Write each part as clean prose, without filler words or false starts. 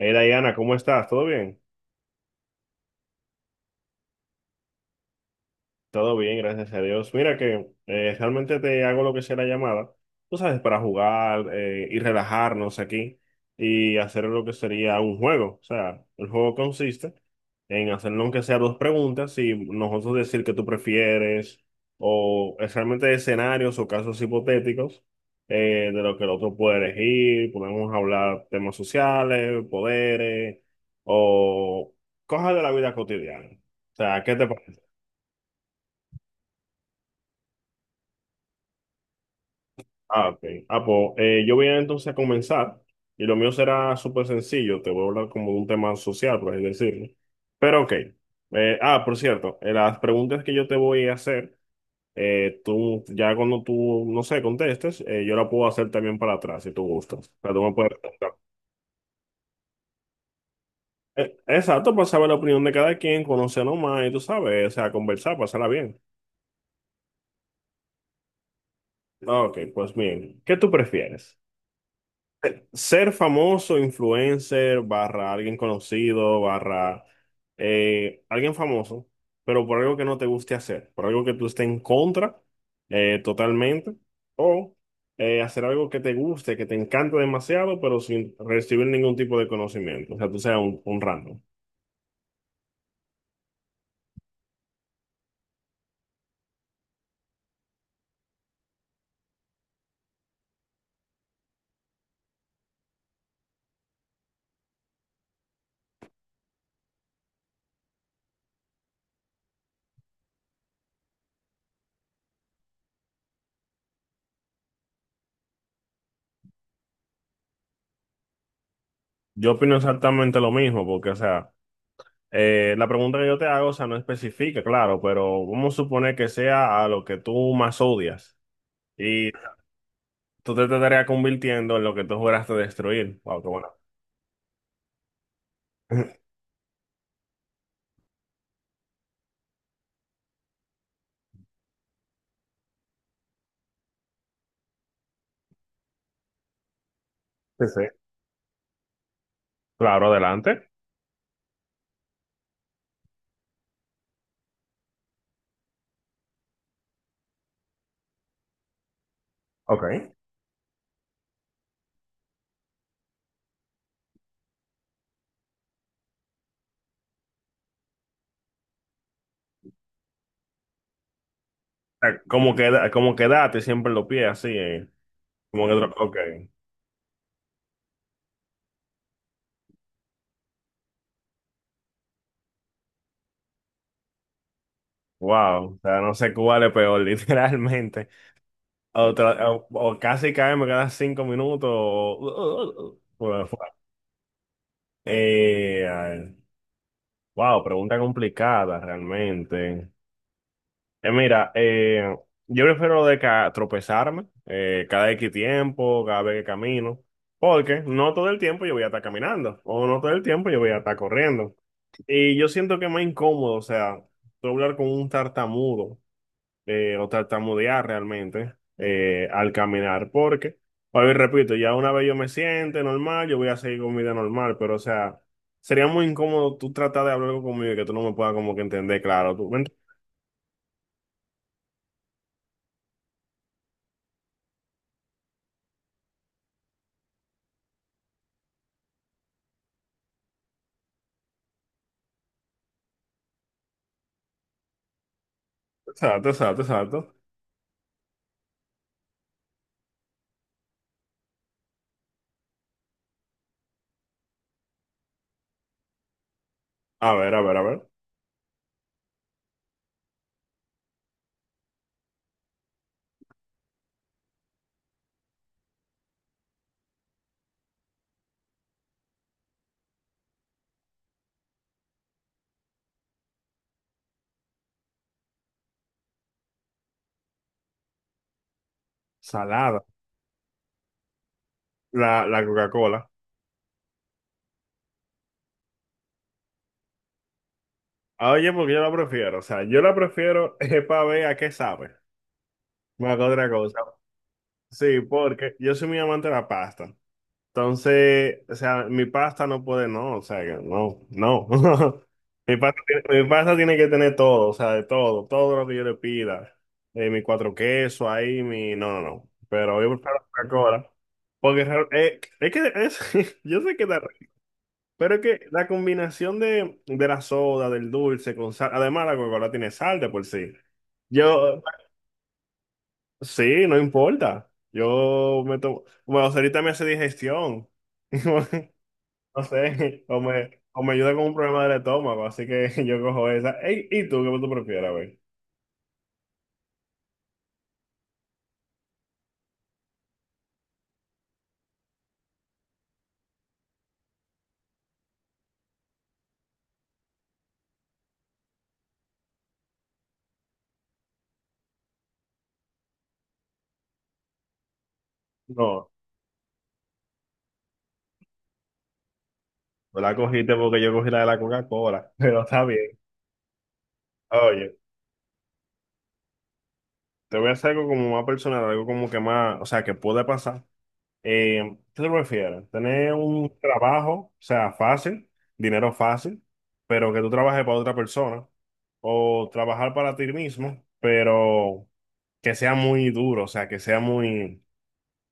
Hey Diana, ¿cómo estás? ¿Todo bien? Todo bien, gracias a Dios. Mira que realmente te hago lo que sea la llamada, tú sabes, para jugar y relajarnos aquí y hacer lo que sería un juego. O sea, el juego consiste en hacernos aunque sea dos preguntas y nosotros decir que tú prefieres o es realmente escenarios o casos hipotéticos de lo que el otro puede elegir. Podemos hablar temas sociales, poderes o cosas de la vida cotidiana. O sea, ¿qué te parece? Ah, ok. Ah, pues, yo voy a entonces a comenzar y lo mío será súper sencillo. Te voy a hablar como de un tema social, por así decirlo. Pero ok. Por cierto, las preguntas que yo te voy a hacer, tú ya cuando tú, no sé, contestes, yo la puedo hacer también para atrás si tú gustas. O sea, tú me puedes preguntar. Exacto, para saber la opinión de cada quien, conocernos más y tú sabes, o sea, conversar, pasarla bien. Ah, ok, pues bien. ¿Qué tú prefieres? Ser famoso, influencer, barra alguien conocido, barra alguien famoso, pero por algo que no te guste hacer, por algo que tú estés en contra totalmente, o hacer algo que te guste, que te encante demasiado, pero sin recibir ningún tipo de conocimiento, o sea, tú seas un random. Yo opino exactamente lo mismo, porque, o sea, la pregunta que yo te hago, o sea, no especifica, claro, pero vamos a suponer que sea a lo que tú más odias. Y tú te estarías convirtiendo en lo que tú juraste destruir. ¡Wow, qué bueno! Sí, sí. Claro, adelante. Ok. Como como quedate siempre los pies así, eh. Ok. Wow. O sea, no sé cuál es peor, literalmente. O casi cae, me quedan 5 minutos. Fue. Eh, ay, wow, pregunta complicada realmente. Mira, yo prefiero lo de tropezarme cada X tiempo, cada vez que camino, porque no todo el tiempo yo voy a estar caminando, o no todo el tiempo yo voy a estar corriendo. Y yo siento que es más incómodo, o sea, tú hablar con un tartamudo, o tartamudear realmente al caminar, porque, a ver, repito, ya una vez yo me siente normal, yo voy a seguir con mi vida normal, pero o sea, sería muy incómodo tú tratar de hablar conmigo y que tú no me puedas como que entender, claro, tú, ¿me entiendes? Exacto, exacto, exacto. A ver, a ver, a ver. Salada. La Coca-Cola. Ah, oye, porque yo la prefiero. O sea, yo la prefiero es para ver a qué sabe. Más que otra cosa. Sí, porque yo soy muy amante de la pasta. Entonces, o sea, mi pasta no puede, no. O sea, que no, no. Mi pasta, mi pasta tiene que tener todo, o sea, de todo, todo lo que yo le pida. Mi cuatro quesos ahí, mi. No, no, no. Pero yo prefiero la Coca-Cola. Porque es que es, yo sé que, pero es que la combinación de la soda, del dulce con sal, además la Coca-Cola tiene sal de por sí. Yo, sí, no importa. Yo me tomo, bueno, ahorita me hace digestión. No sé, o me ayuda con un problema del estómago, así que yo cojo esa. Ey, ¿y tú qué tú prefieres, güey? No, no la cogiste porque yo cogí la de la Coca-Cola, pero está bien. Oye, te voy a hacer algo como más personal, algo como que más, o sea, que puede pasar. ¿Qué te prefieres? ¿Tener un trabajo, o sea, fácil, dinero fácil, pero que tú trabajes para otra persona? ¿O trabajar para ti mismo, pero que sea muy duro, o sea,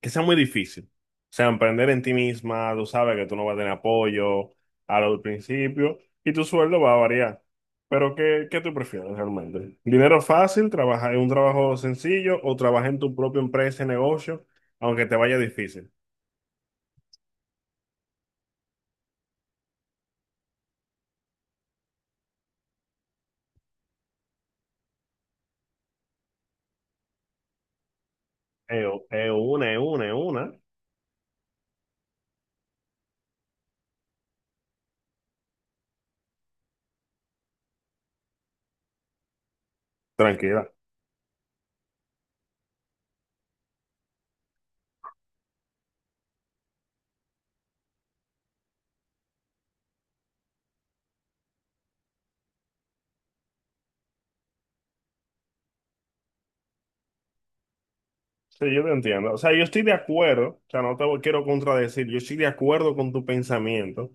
que sea muy difícil? O sea, emprender en ti misma, tú sabes que tú no vas a tener apoyo al principio y tu sueldo va a variar. Pero ¿qué, qué tú prefieres realmente? ¿Dinero fácil, trabajar en un trabajo sencillo o trabajar en tu propia empresa y negocio, aunque te vaya difícil? Es es una, es una, es una. Tranquila. Sí, yo te entiendo. O sea, yo estoy de acuerdo. O sea, no te quiero contradecir. Yo estoy de acuerdo con tu pensamiento.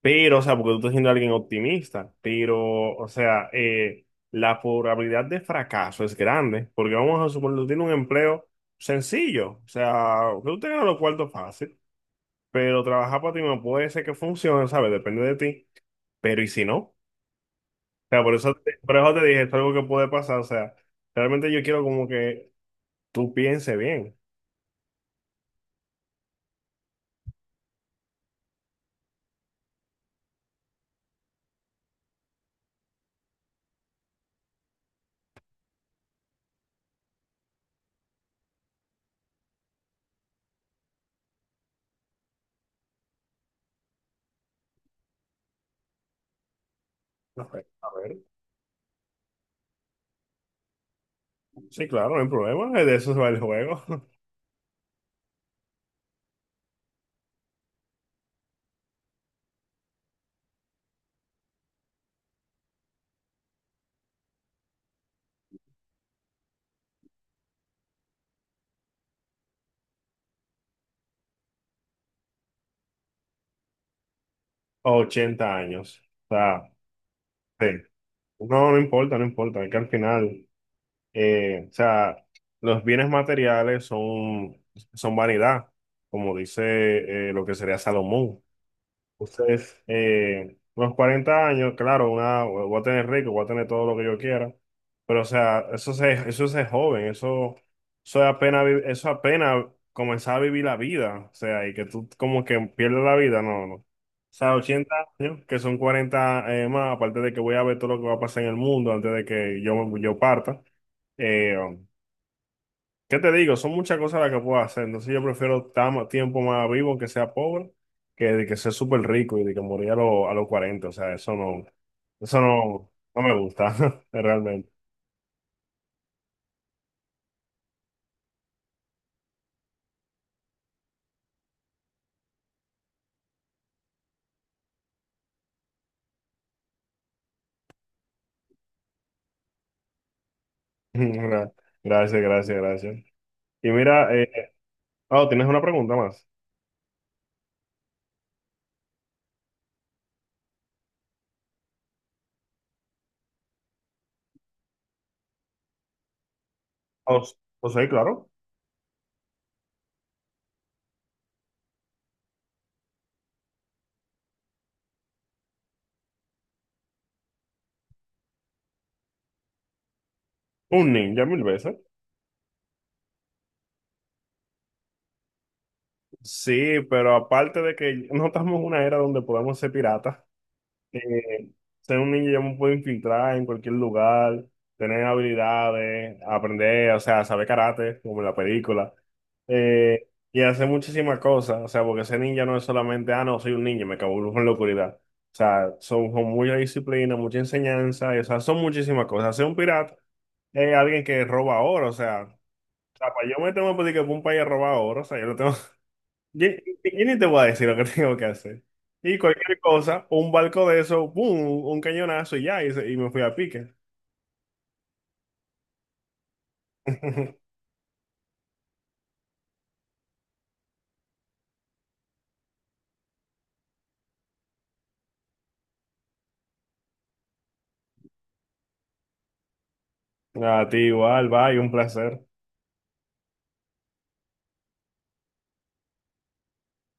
Pero, o sea, porque tú estás siendo alguien optimista. Pero, o sea, la probabilidad de fracaso es grande. Porque vamos a suponer, tú tienes un empleo sencillo. O sea, que tú tengas los cuartos fácil. Pero trabajar para ti no puede ser que funcione, ¿sabes? Depende de ti. Pero, ¿y si no? O sea, por eso, por eso te dije, esto es algo que puede pasar. O sea, realmente yo quiero como que tú piense bien. A ver, a ver. Sí, claro, no hay problema. De eso se va el juego. 80 años. O sea, sí. No, no importa, no importa. Es que al final, o sea, los bienes materiales son, son vanidad, como dice lo que sería Salomón. Entonces, los 40 años, claro, una, voy a tener rico, voy a tener todo lo que yo quiera, pero o sea, eso se, eso es joven, eso es apenas, eso es apenas comenzar a vivir la vida, o sea, y que tú como que pierdes la vida, no, no. O sea, 80 años, que son 40 más, aparte de que voy a ver todo lo que va a pasar en el mundo antes de que yo, parta. Eh, ¿Qué te digo? Son muchas cosas las que puedo hacer. Entonces yo prefiero estar más tiempo más vivo que sea pobre que de que sea súper rico y de que morir a, a los 40. O sea, eso no, no me gusta, realmente. Gra- Gracias, gracias, gracias. Y mira, oh, ¿tienes una pregunta más? Os, os soy claro. Un ninja mil veces. Sí, pero aparte de que no estamos en una era donde podemos ser piratas, eh, ser un ninja ya me puedo infiltrar en cualquier lugar, tener habilidades, aprender, o sea, saber karate, como en la película, eh, y hacer muchísimas cosas, o sea, porque ser ninja no es solamente, ah, no, soy un ninja, me camuflo en la oscuridad. O sea, son, son mucha disciplina, mucha enseñanza, y, o sea, son muchísimas cosas. Ser un pirata es alguien que roba oro, o sea, para yo meterme a pedir que un país a robar oro, o sea, yo lo tengo yo, ni te voy a decir lo que tengo que hacer. Y cualquier cosa, un barco de eso, ¡pum! Un cañonazo y ya, y, y me fui a pique. A ti igual, bye, un placer.